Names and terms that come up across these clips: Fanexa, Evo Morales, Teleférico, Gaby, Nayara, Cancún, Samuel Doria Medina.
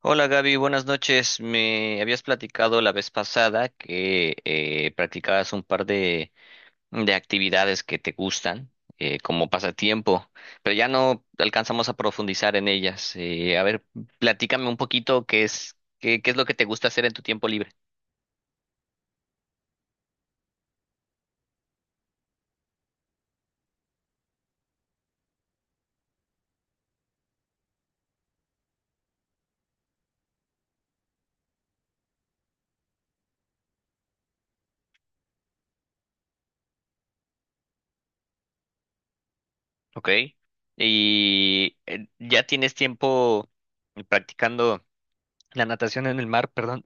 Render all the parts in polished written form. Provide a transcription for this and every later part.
Hola Gaby, buenas noches. Me habías platicado la vez pasada que practicabas un par de actividades que te gustan como pasatiempo, pero ya no alcanzamos a profundizar en ellas. A ver, platícame un poquito qué es lo que te gusta hacer en tu tiempo libre. Ok. Y ya tienes tiempo practicando la natación en el mar, perdón.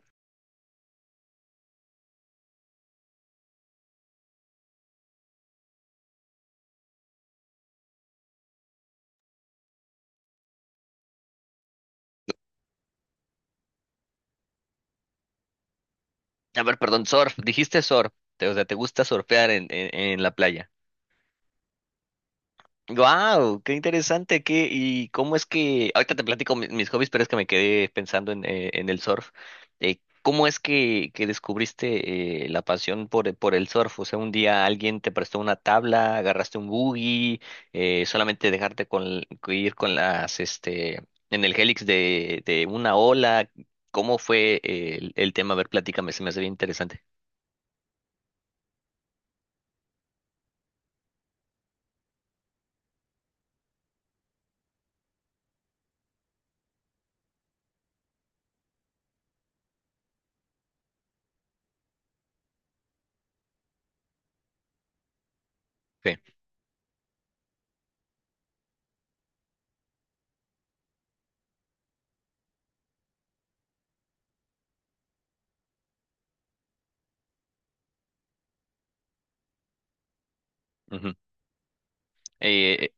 A ver, perdón, surf. Dijiste surf. O sea, te gusta surfear en en la playa. Wow, qué interesante. Qué, y cómo es que, ahorita te platico mis hobbies, pero es que me quedé pensando en el surf. ¿Cómo es que descubriste la pasión por el surf? O sea, un día alguien te prestó una tabla, agarraste un buggy, solamente dejarte con, ir con las, en el helix de una ola. ¿Cómo fue el tema? A ver, platícame, se me hace bien interesante. Sí. Ujú. Eh,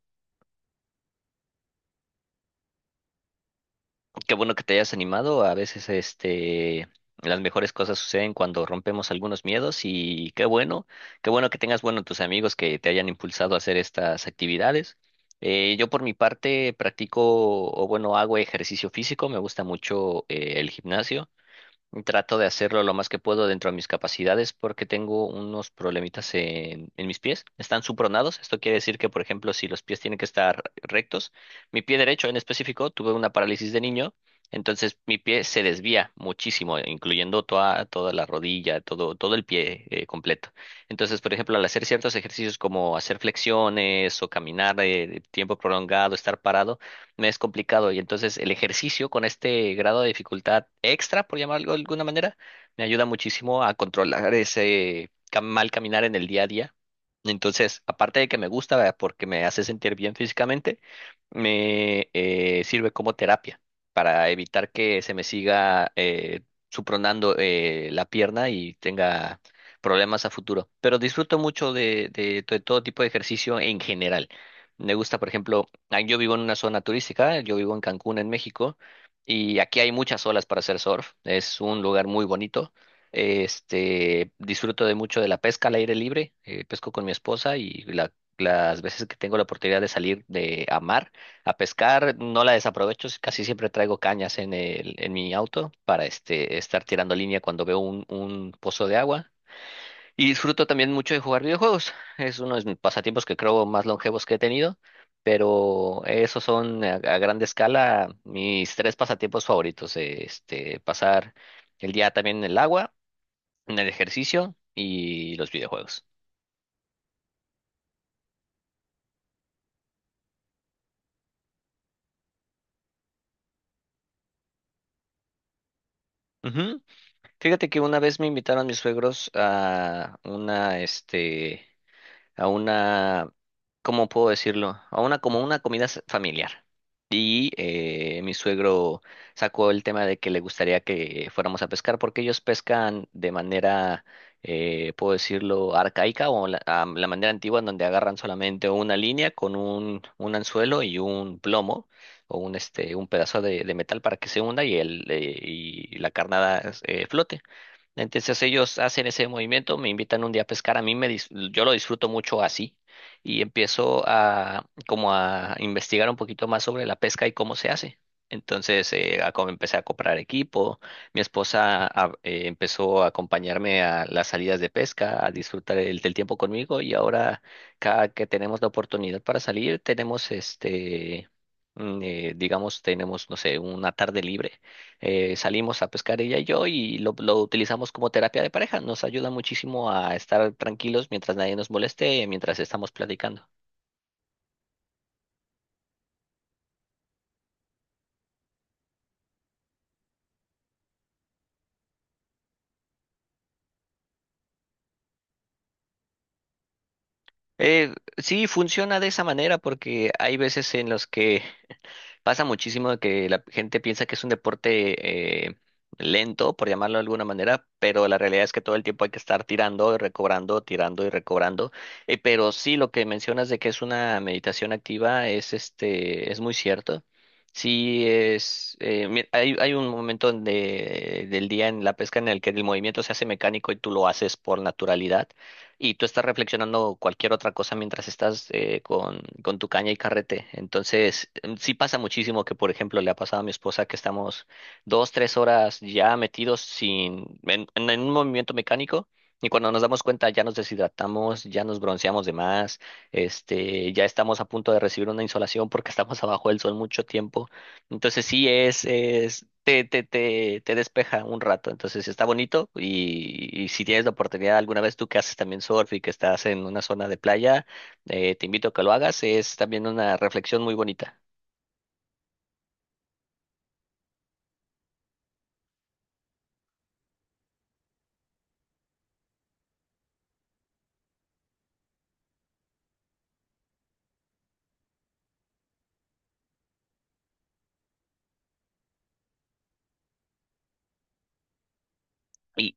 Qué bueno que te hayas animado. A veces, las mejores cosas suceden cuando rompemos algunos miedos y qué bueno que tengas, bueno, tus amigos que te hayan impulsado a hacer estas actividades. Yo por mi parte practico o bueno, hago ejercicio físico. Me gusta mucho el gimnasio. Trato de hacerlo lo más que puedo dentro de mis capacidades porque tengo unos problemitas en mis pies. Están supronados. Esto quiere decir que, por ejemplo, si los pies tienen que estar rectos, mi pie derecho en específico, tuve una parálisis de niño, entonces mi pie se desvía muchísimo, incluyendo toda, toda la rodilla, todo, todo el pie completo. Entonces, por ejemplo, al hacer ciertos ejercicios como hacer flexiones o caminar tiempo prolongado, estar parado, me es complicado. Y entonces el ejercicio con este grado de dificultad extra, por llamarlo de alguna manera, me ayuda muchísimo a controlar ese mal caminar en el día a día. Entonces, aparte de que me gusta, ¿verdad? Porque me hace sentir bien físicamente, me sirve como terapia para evitar que se me siga supronando la pierna y tenga problemas a futuro. Pero disfruto mucho de todo tipo de ejercicio en general. Me gusta, por ejemplo, ah, yo vivo en una zona turística, yo vivo en Cancún, en México, y aquí hay muchas olas para hacer surf. Es un lugar muy bonito. Este, disfruto de mucho de la pesca al aire libre. Pesco con mi esposa y las veces que tengo la oportunidad de salir de a mar a pescar, no la desaprovecho. Casi siempre traigo cañas en en mi auto para este, estar tirando línea cuando veo un pozo de agua. Y disfruto también mucho de jugar videojuegos. Es uno de mis pasatiempos que creo más longevos que he tenido, pero esos son a grande escala mis tres pasatiempos favoritos. Pasar el día también en el agua, en el ejercicio y los videojuegos. Ujú. Fíjate que una vez me invitaron mis suegros a una, este, a una, ¿cómo puedo decirlo? A una como una comida familiar. Y mi suegro sacó el tema de que le gustaría que fuéramos a pescar porque ellos pescan de manera, puedo decirlo, arcaica o a la manera antigua en donde agarran solamente una línea con un anzuelo y un plomo o un, este, un pedazo de metal para que se hunda y la carnada flote. Entonces ellos hacen ese movimiento, me invitan un día a pescar, a mí yo lo disfruto mucho así y empiezo a como a investigar un poquito más sobre la pesca y cómo se hace. Entonces empecé a comprar equipo, mi esposa empezó a acompañarme a las salidas de pesca, a disfrutar del tiempo conmigo y ahora cada que tenemos la oportunidad para salir, tenemos este, digamos, tenemos, no sé, una tarde libre, salimos a pescar ella y yo y lo utilizamos como terapia de pareja. Nos ayuda muchísimo a estar tranquilos mientras nadie nos moleste, mientras estamos platicando. Sí, funciona de esa manera porque hay veces en los que pasa muchísimo de que la gente piensa que es un deporte lento, por llamarlo de alguna manera, pero la realidad es que todo el tiempo hay que estar tirando y recobrando, tirando y recobrando. Pero sí, lo que mencionas de que es una meditación activa es este, es muy cierto. Sí, hay, hay un momento del día en la pesca en el que el movimiento se hace mecánico y tú lo haces por naturalidad y tú estás reflexionando cualquier otra cosa mientras estás con tu caña y carrete. Entonces, sí pasa muchísimo que, por ejemplo, le ha pasado a mi esposa que estamos dos, tres horas ya metidos sin, en un movimiento mecánico. Y cuando nos damos cuenta ya nos deshidratamos, ya nos bronceamos de más, este, ya estamos a punto de recibir una insolación porque estamos abajo del sol mucho tiempo. Entonces sí es te despeja un rato. Entonces está bonito y si tienes la oportunidad alguna vez tú que haces también surf y que estás en una zona de playa, te invito a que lo hagas. Es también una reflexión muy bonita. Y,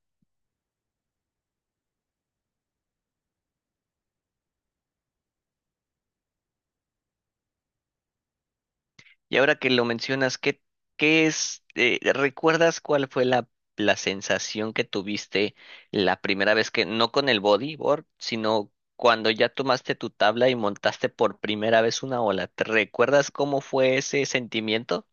y ahora que lo mencionas, ¿recuerdas cuál fue la sensación que tuviste la primera vez que, no con el bodyboard, sino cuando ya tomaste tu tabla y montaste por primera vez una ola? ¿Te recuerdas cómo fue ese sentimiento?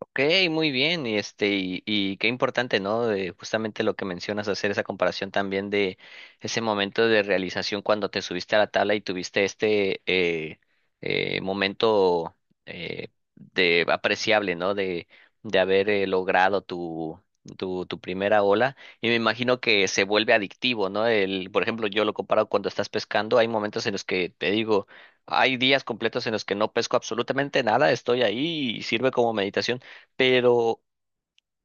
Ok, muy bien, y este, y qué importante, ¿no? De justamente lo que mencionas, hacer esa comparación también de ese momento de realización cuando te subiste a la tabla y tuviste este momento eh, de apreciable, ¿no? De haber logrado tu primera ola. Y me imagino que se vuelve adictivo, ¿no? El, por ejemplo, yo lo comparo cuando estás pescando, hay momentos en los que te digo, hay días completos en los que no pesco absolutamente nada, estoy ahí y sirve como meditación, pero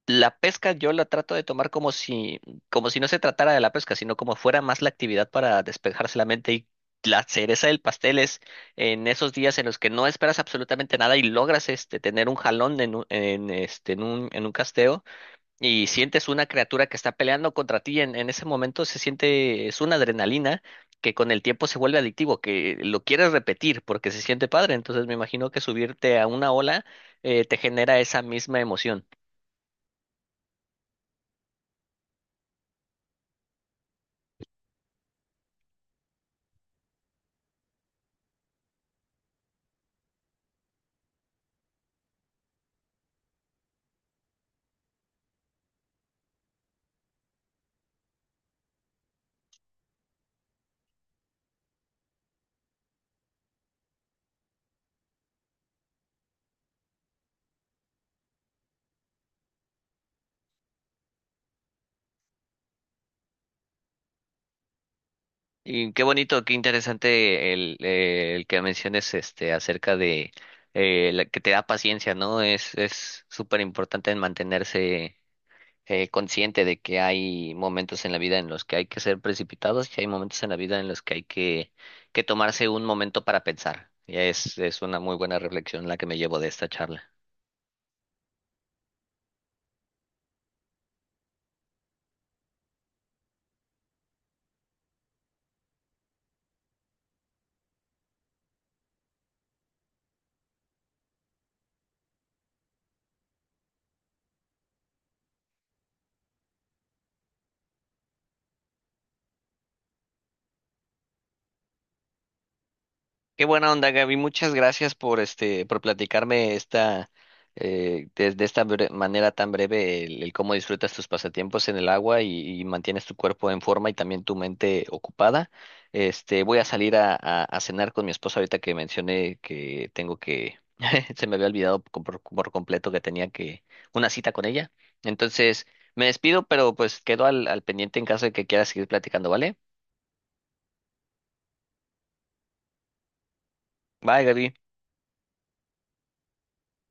la pesca yo la trato de tomar como si no se tratara de la pesca, sino como fuera más la actividad para despejarse la mente y la cereza del pastel es en esos días en los que no esperas absolutamente nada y logras este tener un jalón en un casteo y sientes una criatura que está peleando contra ti en ese momento se siente es una adrenalina que con el tiempo se vuelve adictivo, que lo quieres repetir porque se siente padre, entonces me imagino que subirte a una ola te genera esa misma emoción. Y qué bonito, qué interesante el que menciones este acerca de la que te da paciencia, ¿no? Es súper importante mantenerse consciente de que hay momentos en la vida en los que hay que ser precipitados y hay momentos en la vida en los que hay que tomarse un momento para pensar. Y es una muy buena reflexión la que me llevo de esta charla. Qué buena onda, Gaby. Muchas gracias por este, por platicarme esta, de esta manera tan breve el cómo disfrutas tus pasatiempos en el agua y mantienes tu cuerpo en forma y también tu mente ocupada. Este, voy a salir a cenar con mi esposa ahorita que mencioné que tengo que, se me había olvidado por completo que tenía que una cita con ella. Entonces, me despido, pero pues quedo al pendiente en caso de que quieras seguir platicando, ¿vale? Bye, Gaby.